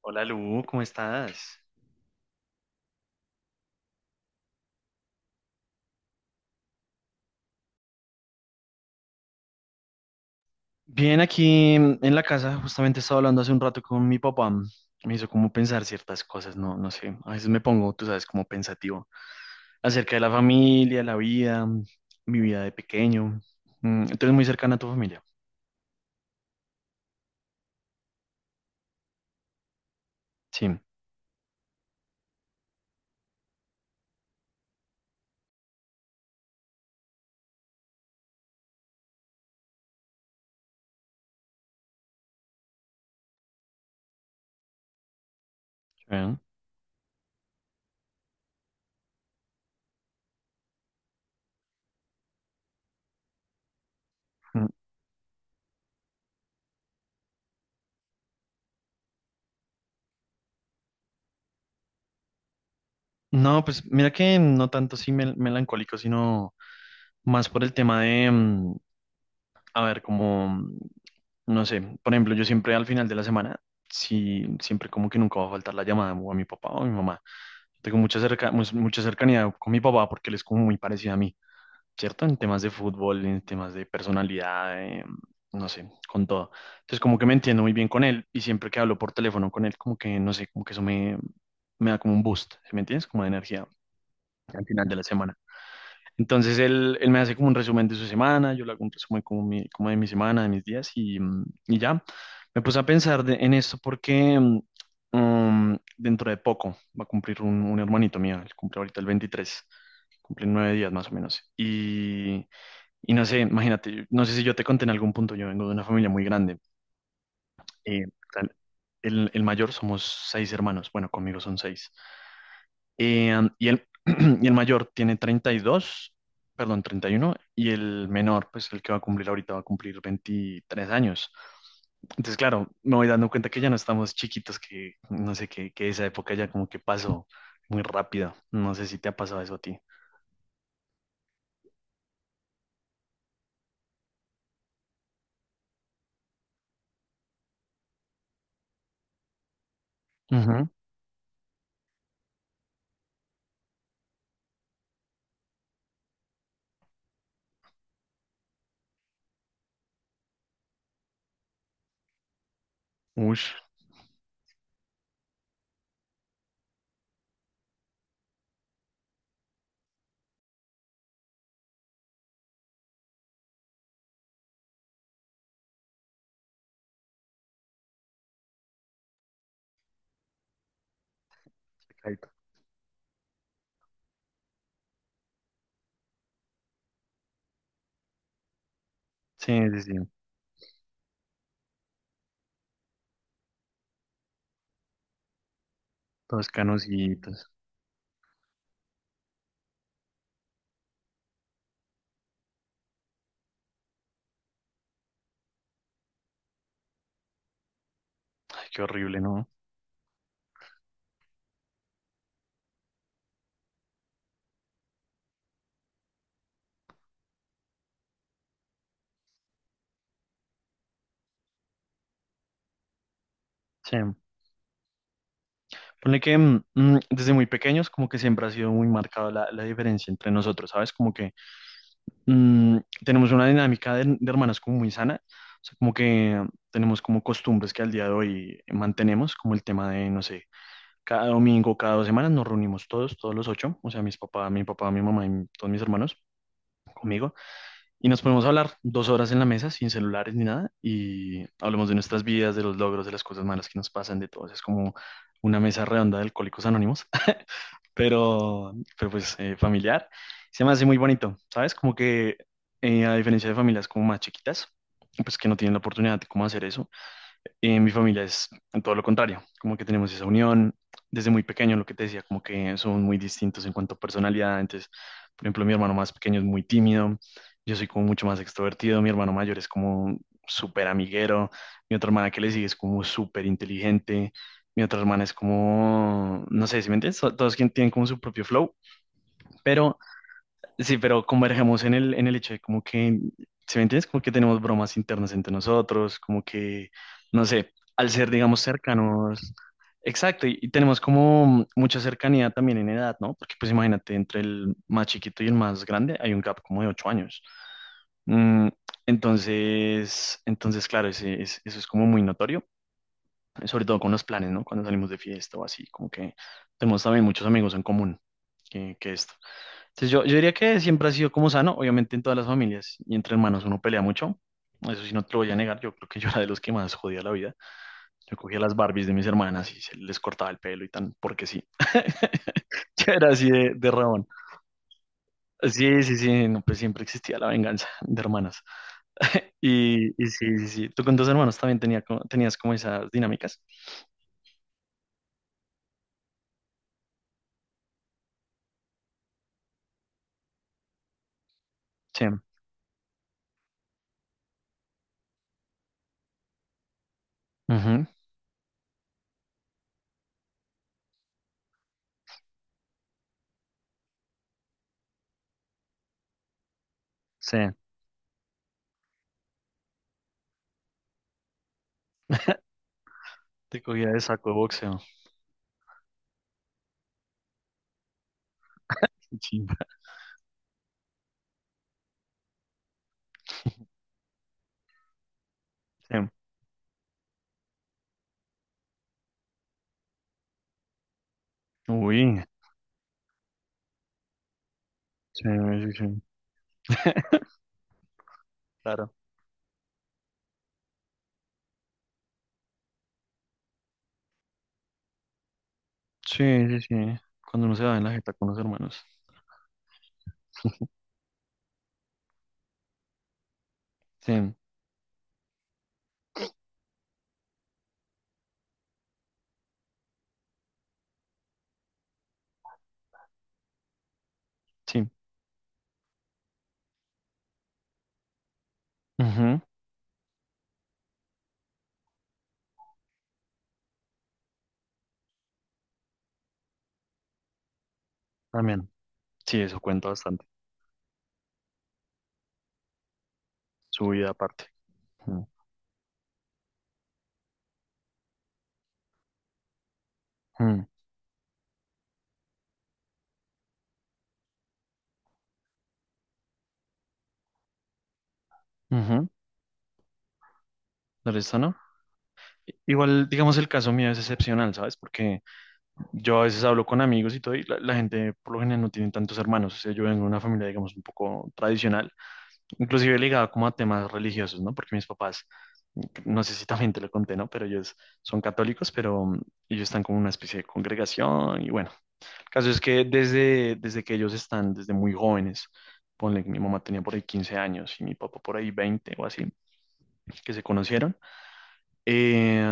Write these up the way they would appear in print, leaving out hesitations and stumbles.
Hola Lu, ¿cómo estás? Bien, aquí en la casa, justamente estaba hablando hace un rato con mi papá. Me hizo como pensar ciertas cosas, no, no sé. A veces me pongo, tú sabes, como pensativo acerca de la familia, la vida, mi vida de pequeño. Entonces, muy cercana a tu familia. Sí. ¿Eh? Mm. No, pues mira que no tanto sí melancólico, sino más por el tema de, a ver, como, no sé, por ejemplo, yo siempre al final de la semana, sí, siempre como que nunca va a faltar la llamada o a mi papá o a mi mamá. Tengo mucha cercanía con mi papá porque él es como muy parecido a mí, ¿cierto? En temas de fútbol, en temas de personalidad, no sé, con todo. Entonces como que me entiendo muy bien con él y siempre que hablo por teléfono con él, como que, no sé, como que eso me da como un boost, ¿sí me entiendes? Como de energía al final de la semana. Entonces él me hace como un resumen de su semana, yo le hago un resumen como, como de mi semana, de mis días y ya. Me puse a pensar en esto porque dentro de poco va a cumplir un hermanito mío, él cumple ahorita el 23, cumple en 9 días más o menos. Y no sé, imagínate, no sé si yo te conté en algún punto, yo vengo de una familia muy grande. Eh, tal- el mayor somos 6 hermanos, bueno, conmigo son 6. Eh, y el, y el mayor tiene 32, perdón, 31, y el menor, pues el que va a cumplir ahorita, va a cumplir 23 años. Entonces, claro, me voy dando cuenta que ya no estamos chiquitos, que no sé, que esa época ya como que pasó muy rápido. No sé si te ha pasado eso a ti. Ujú. Ush, pecadito. Sí, sí, sí. Todos canositos. Ay, qué horrible, ¿no? Sí. Pone que desde muy pequeños como que siempre ha sido muy marcada la diferencia entre nosotros, ¿sabes? Como que mm, tenemos una dinámica de hermanas como muy sana, o sea, como que tenemos como costumbres que al día de hoy mantenemos, como el tema de, no sé, cada domingo, cada 2 semanas nos reunimos todos, todos los 8, o sea, mis papás, mi papá, mi mamá y todos mis hermanos conmigo, y nos ponemos a hablar 2 horas en la mesa sin celulares ni nada, y hablamos de nuestras vidas, de los logros, de las cosas malas que nos pasan, de todo, o sea, es como una mesa redonda de Alcohólicos Anónimos, pero pues familiar. Se me hace muy bonito, ¿sabes? Como que a diferencia de familias como más chiquitas, pues que no tienen la oportunidad de cómo hacer eso. Mi familia es en todo lo contrario, como que tenemos esa unión desde muy pequeño, lo que te decía, como que son muy distintos en cuanto a personalidad. Entonces, por ejemplo, mi hermano más pequeño es muy tímido, yo soy como mucho más extrovertido, mi hermano mayor es como súper amiguero, mi otra hermana que le sigue es como súper inteligente, mi otra hermana es como, no sé si me entiendes. Todos tienen como su propio flow, pero sí, pero convergemos en el hecho de como que, ¿sí me entiendes? Como que tenemos bromas internas entre nosotros, como que, no sé, al ser, digamos, cercanos. Exacto, y tenemos como mucha cercanía también en edad, ¿no? Porque pues imagínate, entre el más chiquito y el más grande hay un gap como de 8 años. Mm, entonces, claro, eso es como muy notorio, sobre todo con los planes, ¿no? Cuando salimos de fiesta o así, como que tenemos también muchos amigos en común que esto. Entonces yo diría que siempre ha sido como sano. Obviamente en todas las familias y entre hermanos uno pelea mucho, eso sí no te lo voy a negar, yo creo que yo era de los que más jodía la vida, yo cogía las Barbies de mis hermanas y se les cortaba el pelo y tan, porque sí, yo era así de rabón. Sí, sí, sí, no, pues siempre existía la venganza de hermanas. Y sí, sí, sí, tú con tus hermanos también tenías como esas dinámicas. Sí, ujú, sí, te cogía de saco de boxeo. Sí, sí. Uy, sí, sí, sí. Claro. Sí, sí, sí. Cuando uno se va en la jeta con los hermanos. Sí, sí. Ujú, también. Sí, eso cuenta bastante. Su vida aparte. Ujú, ujú, ujú. ¿El resto no? Igual, digamos, el caso mío es excepcional, ¿sabes? Porque yo a veces hablo con amigos y todo, y la gente por lo general no tiene tantos hermanos. O sea, yo vengo de una familia, digamos, un poco tradicional, inclusive ligada como a temas religiosos, ¿no? Porque mis papás, no sé si también te lo conté, ¿no? Pero ellos son católicos, pero ellos están como en una especie de congregación y bueno. Caso es que desde que ellos están, desde muy jóvenes, ponle que mi mamá tenía por ahí 15 años y mi papá por ahí 20 o así, que se conocieron, eh,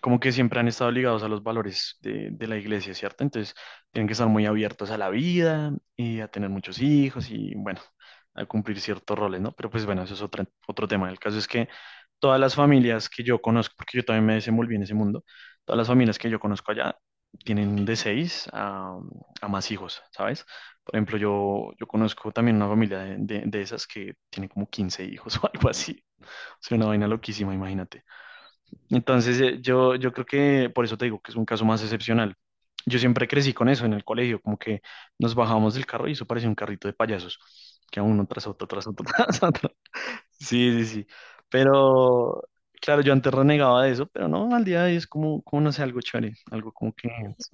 como que siempre han estado ligados a los valores de la iglesia, ¿cierto? Entonces, tienen que estar muy abiertos a la vida y a tener muchos hijos y, bueno, a cumplir ciertos roles, ¿no? Pero pues bueno, eso es otro tema. El caso es que todas las familias que yo conozco, porque yo también me desenvolví en ese mundo, todas las familias que yo conozco allá tienen de seis a más hijos, ¿sabes? Por ejemplo, yo conozco también una familia de esas que tiene como 15 hijos o algo así. O sea, una vaina loquísima, imagínate. Entonces, yo creo que por eso te digo que es un caso más excepcional. Yo siempre crecí con eso en el colegio, como que nos bajábamos del carro y eso parecía un carrito de payasos, que a uno tras otro, tras otro. Sí, sí, sí. Pero, claro, yo antes renegaba de eso, pero no, al día de hoy es como, como no sé, algo chévere, algo como que sí.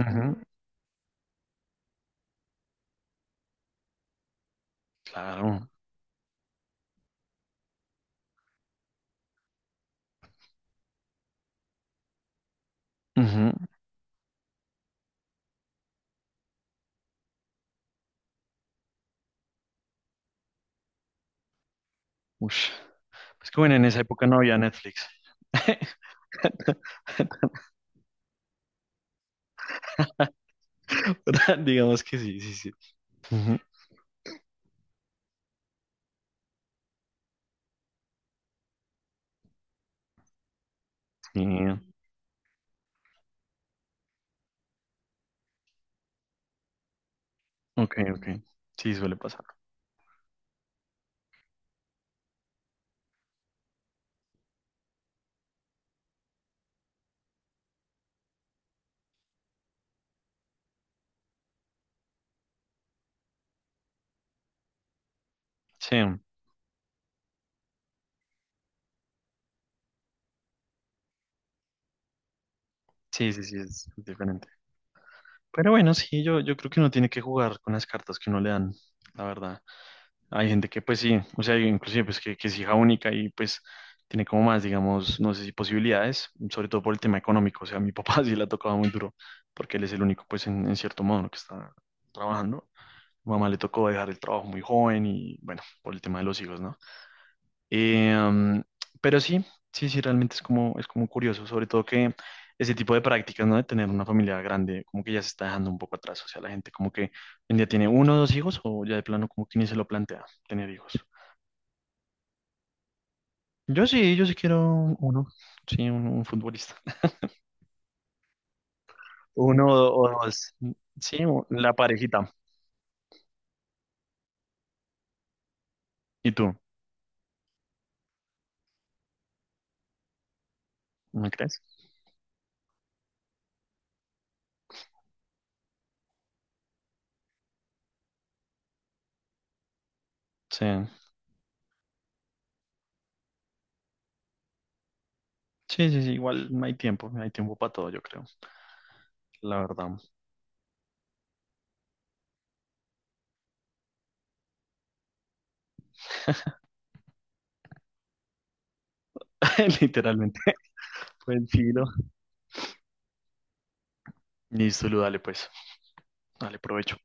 Ujú, claro. Ujú, ush. Es que bueno, en esa época no había Netflix. Pero digamos que sí, sí, sí. Ujú, sí. Ok, ok. Sí, suele pasar. Sí. Sí, sí, sí, es diferente. Pero bueno, sí, yo creo que uno tiene que jugar con las cartas que uno le dan, la verdad. Hay gente que pues sí, o sea, inclusive pues que es hija única y pues tiene como más, digamos, no sé si posibilidades, sobre todo por el tema económico. O sea, a mi papá sí le ha tocado muy duro, porque él es el único, pues, en, cierto modo, ¿no?, que está trabajando. Mi mamá le tocó dejar el trabajo muy joven y bueno, por el tema de los hijos, ¿no? Eh, um, pero sí, sí, sí, realmente es como curioso, sobre todo que ese tipo de prácticas, ¿no? De tener una familia grande, como que ya se está dejando un poco atrás, o sea, la gente como que hoy en día tiene uno o dos hijos o ya de plano como que ni se lo plantea tener hijos. Yo sí, yo sí quiero uno, sí, un futbolista. Uno o dos, sí, la parejita. ¿Y tú? ¿Me crees? Sí. Sí, sí, sí, igual no hay tiempo, no hay tiempo para todo, yo creo, la verdad. Literalmente, pues filo. Listo, Lu, dale pues, dale provecho.